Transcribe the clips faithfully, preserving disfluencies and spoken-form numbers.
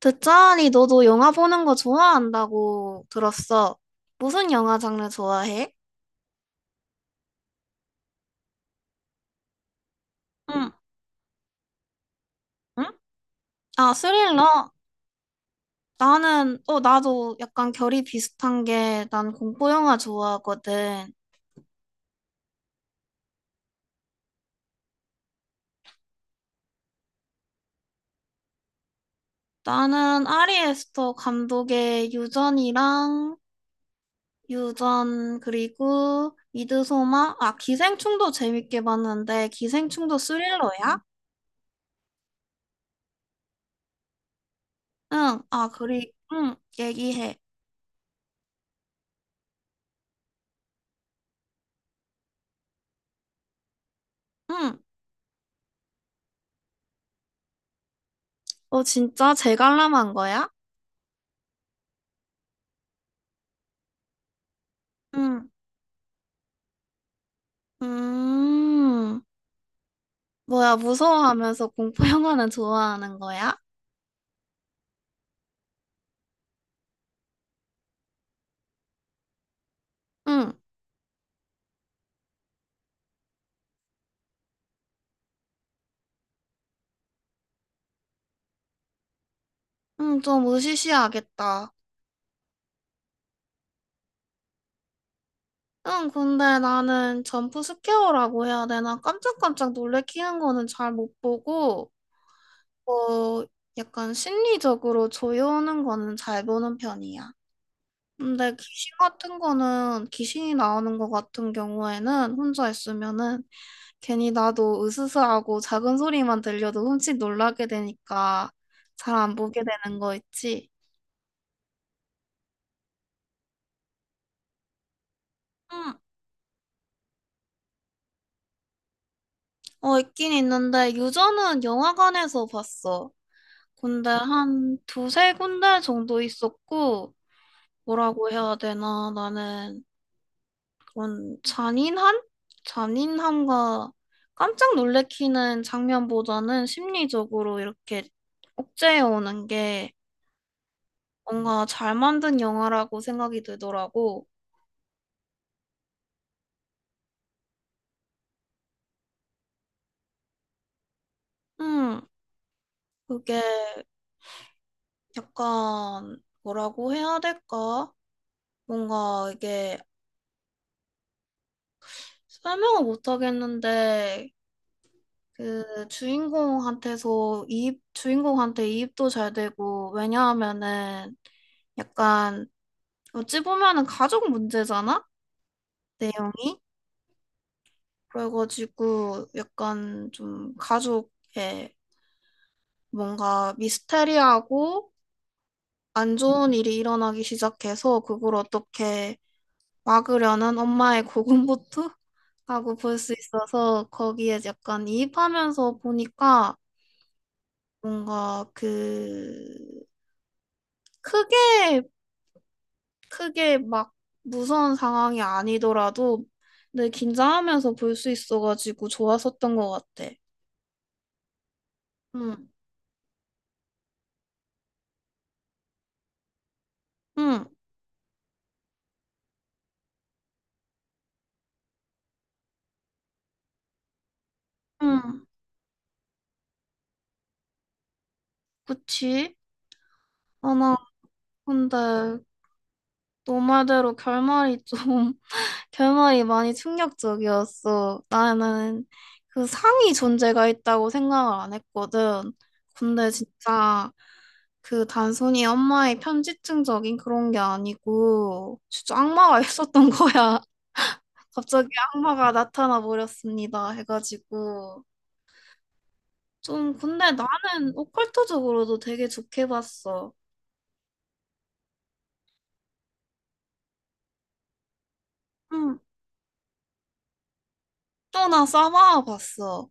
듣자하니 너도 영화 보는 거 좋아한다고 들었어. 무슨 영화 장르 좋아해? 응, 응? 아, 스릴러? 나는, 어, 나도 약간 결이 비슷한 게 난 공포 영화 좋아하거든. 나는 아리 에스터 감독의 유전이랑 유전 그리고 미드소마? 아, 기생충도 재밌게 봤는데 기생충도 스릴러야? 응, 아, 그리, 응, 얘기해. 응, 어, 진짜 재갈람한 거야? 응 음, 뭐야, 무서워하면서 공포 영화는 좋아하는 거야? 응, 응, 좀 으시시하겠다. 응, 근데 나는 점프 스퀘어라고 해야 되나? 깜짝깜짝 놀래키는 거는 잘 못 보고, 어, 약간 심리적으로 조여오는 거는 잘 보는 편이야. 근데 귀신 같은 거는, 귀신이 나오는 거 같은 경우에는 혼자 있으면은 괜히 나도 으스스하고 작은 소리만 들려도 흠칫 놀라게 되니까 잘 안 보게 되는 거 있지? 응, 어, 있긴 있는데 유저는 영화관에서 봤어. 근데 한 두세 군데 정도 있었고 뭐라고 해야 되나, 나는 그런 잔인한? 잔인함과 깜짝 놀래키는 장면보다는 심리적으로 이렇게 억제해 오는 게 뭔가 잘 만든 영화라고 생각이 들더라고. 음, 그게 약간 뭐라고 해야 될까? 뭔가 이게 설명을 못 하겠는데, 그 주인공한테서 이입 주인공한테 이입도 잘 되고, 왜냐하면은 약간 어찌 보면은 가족 문제잖아? 내용이? 그래가지고 약간 좀 가족에 뭔가 미스테리하고 안 좋은 일이 일어나기 시작해서 그걸 어떻게 막으려는 엄마의 고군분투라고 볼 수 있어서 거기에 약간 이입하면서 보니까 뭔가 그 크게 크게 막 무서운 상황이 아니더라도 늘 긴장하면서 볼 수 있어가지고 좋았었던 것 같아. 응, 응, 응, 그치? 아, 나 근데 너 말대로 결말이 좀 결말이 많이 충격적이었어. 나는 그 상이 존재가 있다고 생각을 안 했거든. 근데 진짜 그 단순히 엄마의 편집증적인 그런 게 아니고 진짜 악마가 있었던 거야. 갑자기 악마가 나타나 버렸습니다, 해가지고. 좀 근데 나는 오컬트적으로도 되게 좋게 봤어. 응. 또나 싸바아 봤어.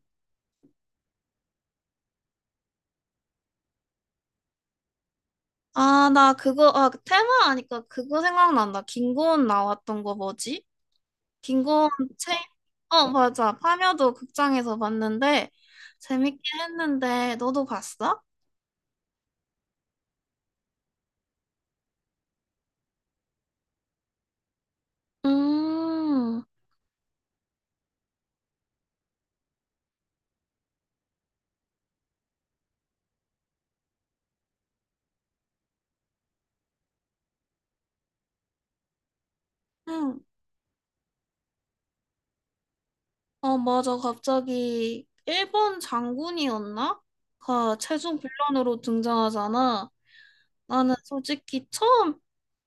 아, 나 그거, 아, 그 테마 하니까 그거 생각난다. 김고은 나왔던 거 뭐지? 김고은 체인, 어, 맞아. 파묘도 극장에서 봤는데 재밌게 했는데, 너도 봤어? 음, 응, 어, 맞아. 갑자기, 일본 장군이었나? 가 최종 빌런으로 등장하잖아. 나는 솔직히 처음,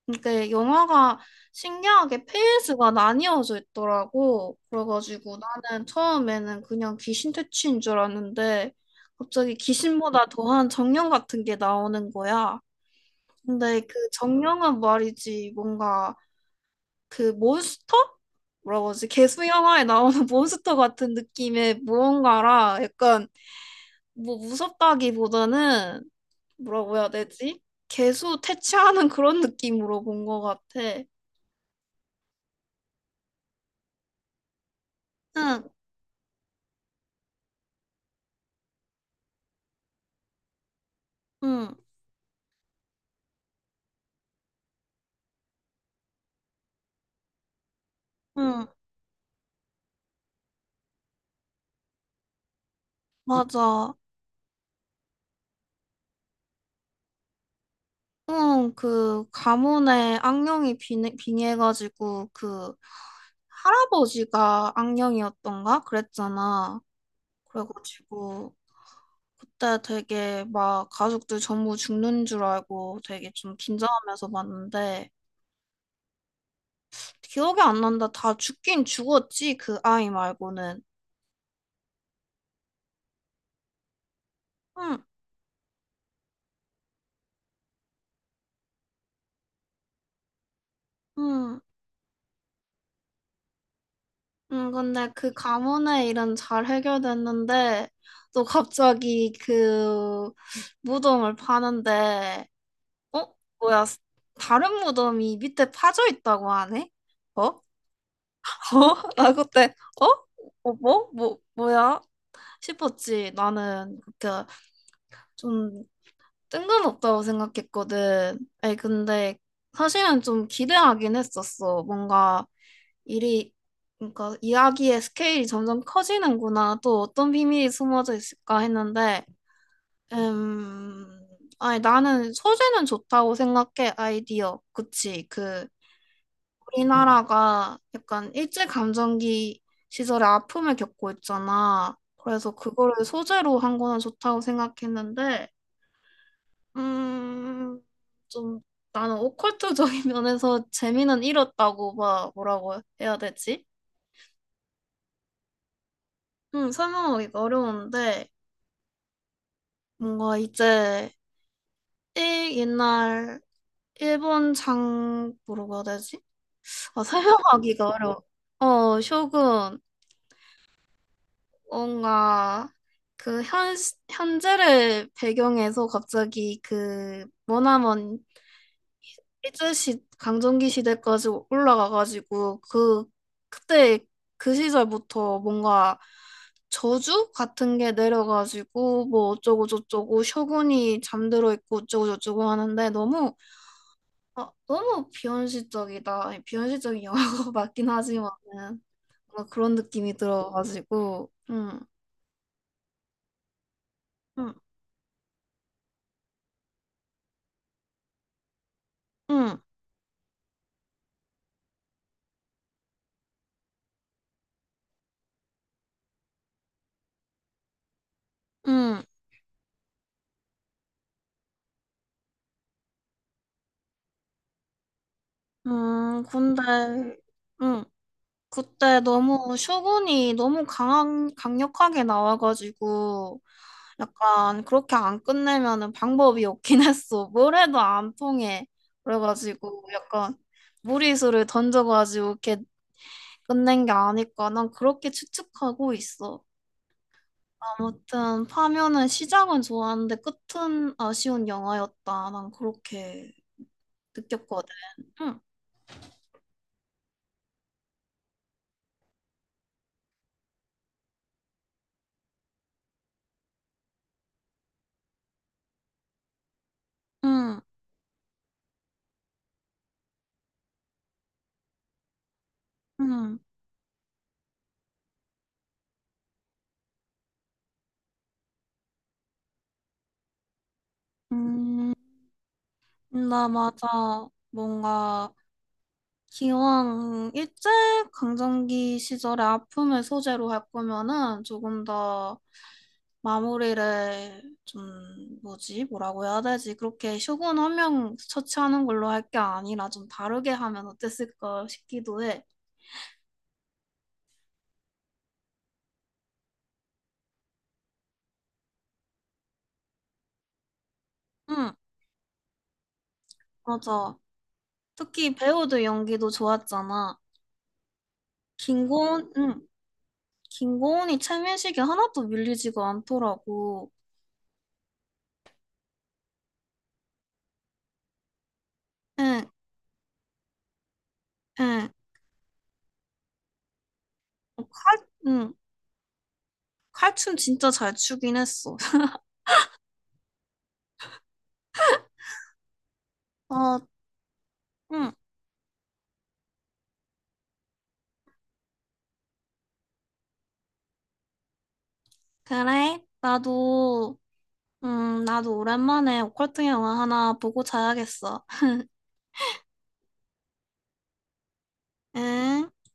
근데 영화가 신기하게 페이스가 나뉘어져 있더라고. 그래가지고 나는 처음에는 그냥 귀신 퇴치인 줄 알았는데 갑자기 귀신보다 더한 정령 같은 게 나오는 거야. 근데 그 정령은 말이지 뭔가 그 몬스터? 뭐라고 하지? 개수 영화에 나오는 몬스터 같은 느낌의 무언가라 약간 뭐 무섭다기보다는 뭐라고 해야 되지? 개수 퇴치하는 그런 느낌으로 본 것 같아. 응, 응, 응, 맞아. 응, 그 가문에 악령이 빙해, 빙해가지고 그 할아버지가 악령이었던가 그랬잖아. 그래가지고 그때 되게 막 가족들 전부 죽는 줄 알고 되게 좀 긴장하면서 봤는데, 기억이 안 난다. 다 죽긴 죽었지, 그 아이 말고는. 응, 응. 음, 근데 그 가문의 일은 잘 해결됐는데, 또 갑자기 그 무덤을 파는데, 어? 뭐야, 다른 무덤이 밑에 파져 있다고 하네? 어? 어? 나 그때, 어? 어, 뭐? 뭐, 뭐야? 싶었지. 나는 그때 좀 뜬금없다고 생각했거든. 아니, 근데 사실은 좀 기대하긴 했었어. 뭔가 일이, 그러니까 이야기의 스케일이 점점 커지는구나, 또 어떤 비밀이 숨어져 있을까 했는데. 음, 아니, 나는 소재는 좋다고 생각해, 아이디어. 그치. 그, 음, 우리나라가 약간 일제감정기 시절에 아픔을 겪고 있잖아. 그래서 그거를 소재로 한 거는 좋다고 생각했는데, 음, 좀 나는 오컬트적인 면에서 재미는 잃었다고, 막 뭐라고 해야 되지? 응, 설명하기가 어려운데, 뭔가 이제, 일, 옛날, 일본 장, 뭐라고 해야 되지? 아, 설명하기가 어려워. 어, 쇼군. 뭔가, 그, 현, 현재를 배경해서 갑자기 그 머나먼 일제시 강점기 시대까지 올라가가지고 그 그때 그 시절부터 뭔가 저주 같은 게 내려가지고 뭐 어쩌고 저쩌고 셔군이 잠들어 있고 어쩌고 저쩌고 하는데 너무, 아, 너무 비현실적이다. 아니, 비현실적인 영화가 맞긴 하지만은 뭔가 그런 느낌이 들어가지고. 음, 음, 음, 음, 음, 근데 음, 그때 너무 쇼군이 너무 강한, 강력하게 나와가지고 약간 그렇게 안 끝내면은 방법이 없긴 했어. 뭘 해도 안 통해. 그래가지고 약간 무리수를 던져가지고 이렇게 끝낸 게 아닐까. 난 그렇게 추측하고 있어. 아무튼 파묘는 시작은 좋았는데 끝은 아쉬운 영화였다. 난 그렇게 느꼈거든. 응, 응, 응, 응. 음, 나 맞아. 뭔가 기왕 일제 강점기 시절의 아픔을 소재로 할 거면은 조금 더 마무리를 좀 뭐지 뭐라고 해야 되지 그렇게 쇼군 한 명 처치하는 걸로 할 게 아니라 좀 다르게 하면 어땠을까 싶기도 해. 응, 맞아. 특히 배우들 연기도 좋았잖아. 김고은, 응, 김고은이 최민식이 하나도 밀리지가 않더라고. 응, 응, 칼, 응, 칼춤 진짜 잘 추긴 했어. 아, 응. 그래? 나도, 음, 나도 오랜만에 오컬트 영화 하나 보고 자야겠어. 응?